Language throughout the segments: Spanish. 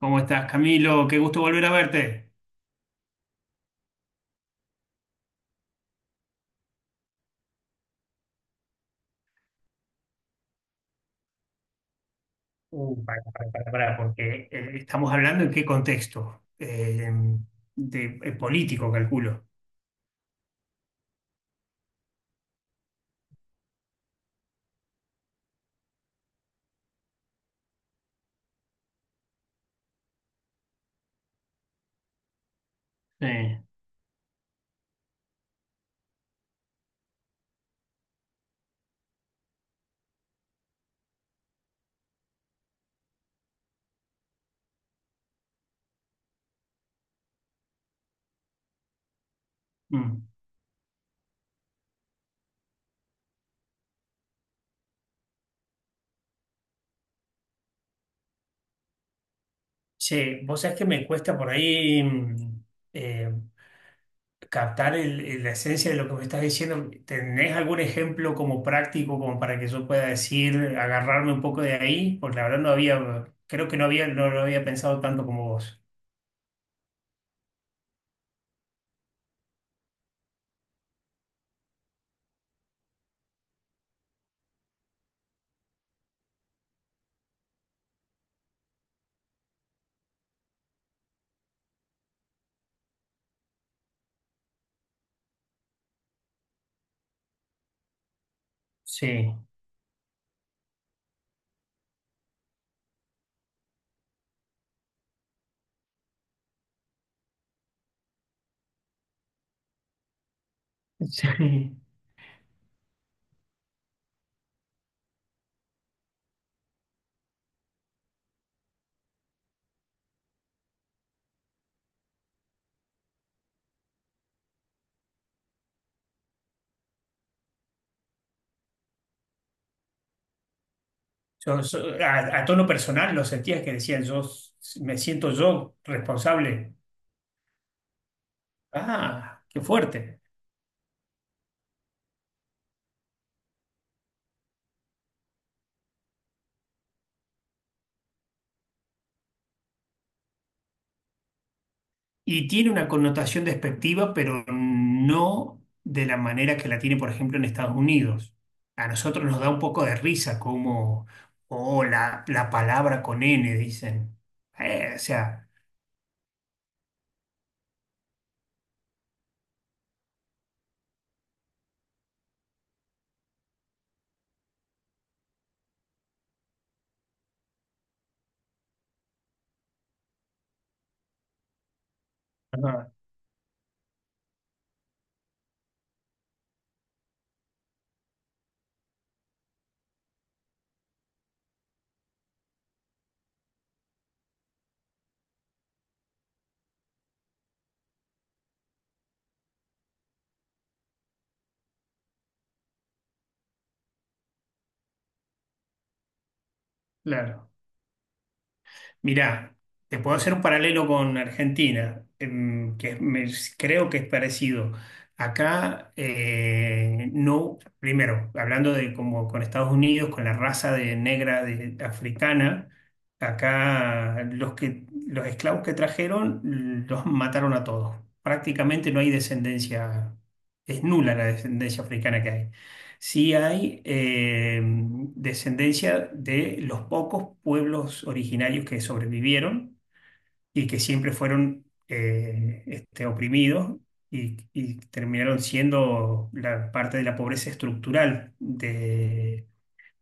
¿Cómo estás, Camilo? Qué gusto volver a verte. Para, para, para. ¿Estamos hablando en qué contexto, de, político, calculo? Sí. Mm. Che, vos sabés que me cuesta por ahí, eh, captar la esencia de lo que me estás diciendo. ¿Tenés algún ejemplo como práctico como para que yo pueda decir, agarrarme un poco de ahí? Porque la verdad no había, creo que no había, no lo había pensado tanto como vos. Sí, sí. A tono personal lo sentías que decían, me siento yo responsable. Ah, qué fuerte. Y tiene una connotación despectiva, pero no de la manera que la tiene, por ejemplo, en Estados Unidos. A nosotros nos da un poco de risa, como, oh, la palabra con N, dicen. O sea, ajá, claro. Mirá, te puedo hacer un paralelo con Argentina, creo que es parecido. Acá, no, primero, hablando de como con Estados Unidos, con la raza de negra africana. Acá los que, los esclavos que trajeron los mataron a todos. Prácticamente no hay descendencia, es nula la descendencia africana que hay. Sí hay descendencia de los pocos pueblos originarios que sobrevivieron y que siempre fueron oprimidos, y terminaron siendo la parte de la pobreza estructural de,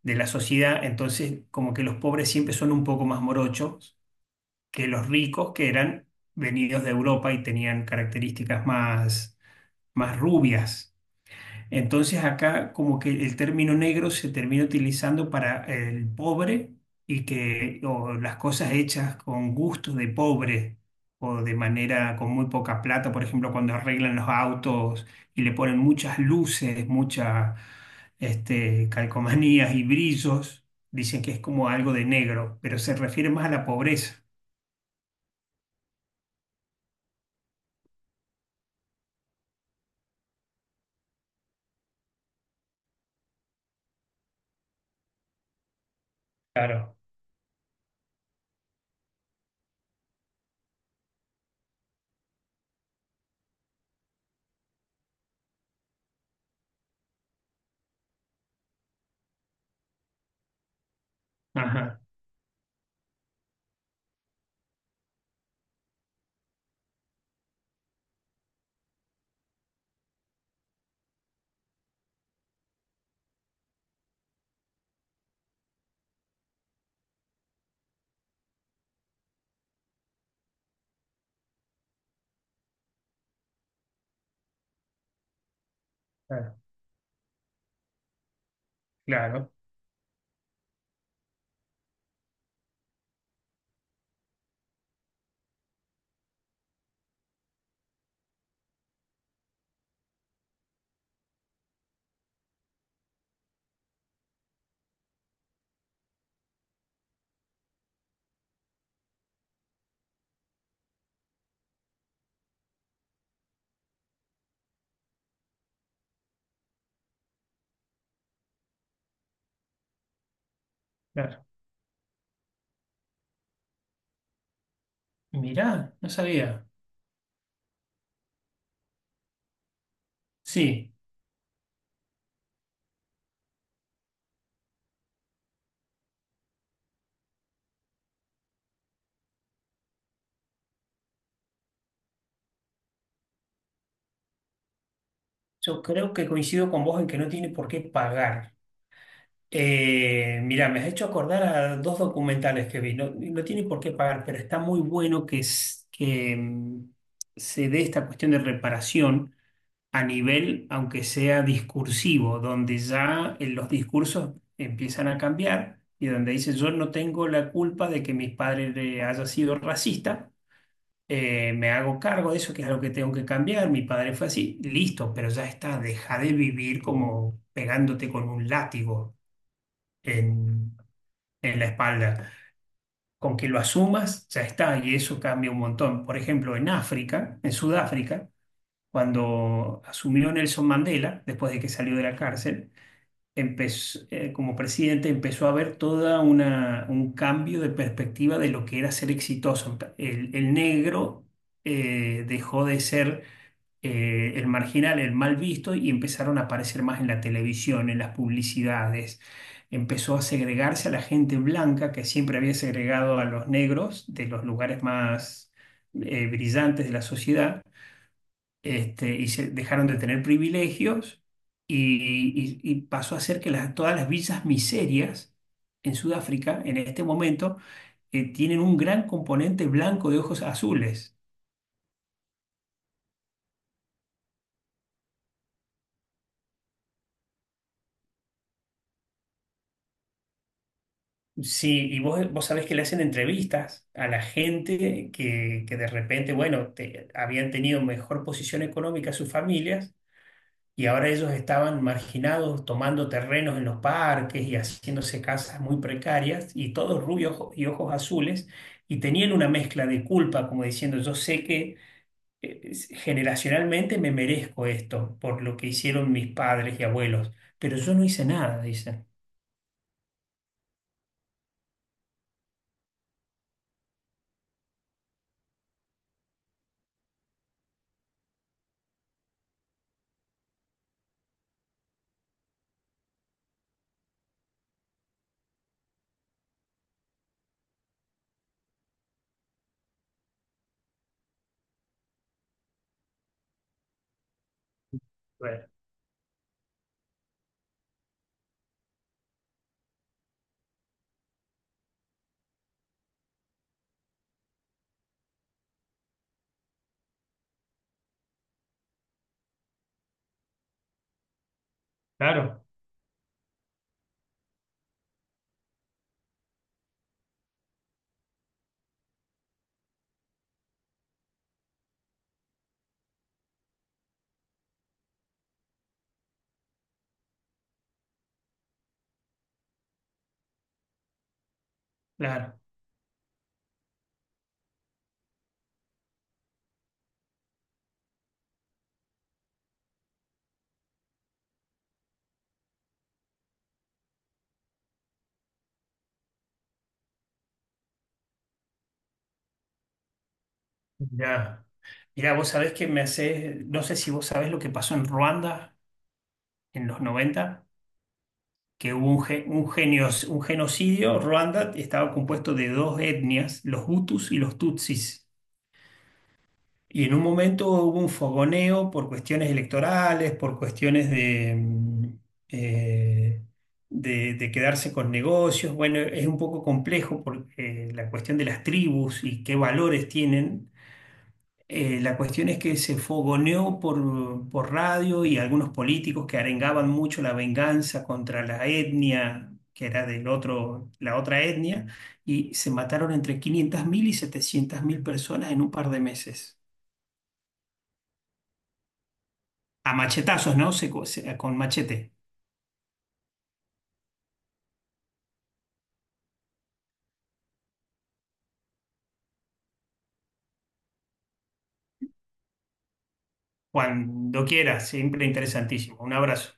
de la sociedad. Entonces, como que los pobres siempre son un poco más morochos que los ricos que eran venidos de Europa y tenían características más rubias. Entonces acá como que el término negro se termina utilizando para el pobre y que o las cosas hechas con gusto de pobre o de manera con muy poca plata, por ejemplo, cuando arreglan los autos y le ponen muchas luces, muchas calcomanías y brillos, dicen que es como algo de negro, pero se refiere más a la pobreza. Claro. Ajá, claro, claro, claro. Mirá, no sabía. Sí. Yo creo que coincido con vos en que no tiene por qué pagar. Mira, me has hecho acordar a dos documentales que vi. No, no tiene por qué pagar, pero está muy bueno que, que se dé esta cuestión de reparación a nivel, aunque sea discursivo, donde ya los discursos empiezan a cambiar y donde dice yo no tengo la culpa de que mis padres haya sido racista, me hago cargo de eso, que es algo que tengo que cambiar, mi padre fue así, listo, pero ya está, deja de vivir como pegándote con un látigo en, en la espalda. Con que lo asumas, ya está, y eso cambia un montón. Por ejemplo, en África, en Sudáfrica, cuando asumió Nelson Mandela, después de que salió de la cárcel, como presidente empezó a ver toda una, un cambio de perspectiva de lo que era ser exitoso. El negro dejó de ser el marginal, el mal visto, y empezaron a aparecer más en la televisión, en las publicidades. Empezó a segregarse a la gente blanca, que siempre había segregado a los negros de los lugares más brillantes de la sociedad, y se dejaron de tener privilegios y pasó a ser que todas las villas miserias en Sudáfrica en este momento tienen un gran componente blanco de ojos azules. Sí, y vos sabés que le hacen entrevistas a la gente que de repente, bueno, habían tenido mejor posición económica sus familias y ahora ellos estaban marginados tomando terrenos en los parques y haciéndose casas muy precarias y todos rubios y ojos azules y tenían una mezcla de culpa como diciendo yo sé que eh, generacionalmente me merezco esto por lo que hicieron mis padres y abuelos, pero yo no hice nada, dicen. Bueno, claro. Claro, ya. Mirá, vos sabés que me hace, no sé si vos sabés lo que pasó en Ruanda en los 90 que hubo un, ge- un, genio- un genocidio. Ruanda estaba compuesto de dos etnias, los Hutus y los Tutsis. Y en un momento hubo un fogoneo por cuestiones electorales, por cuestiones eh, de quedarse con negocios. Bueno, es un poco complejo porque la cuestión de las tribus y qué valores tienen. La cuestión es que se fogoneó por radio y algunos políticos que arengaban mucho la venganza contra la etnia, que era del otro, la otra etnia, y se mataron entre 500.000 y 700.000 personas en un par de meses. A machetazos, ¿no? Con machete. Cuando quieras, siempre interesantísimo. Un abrazo.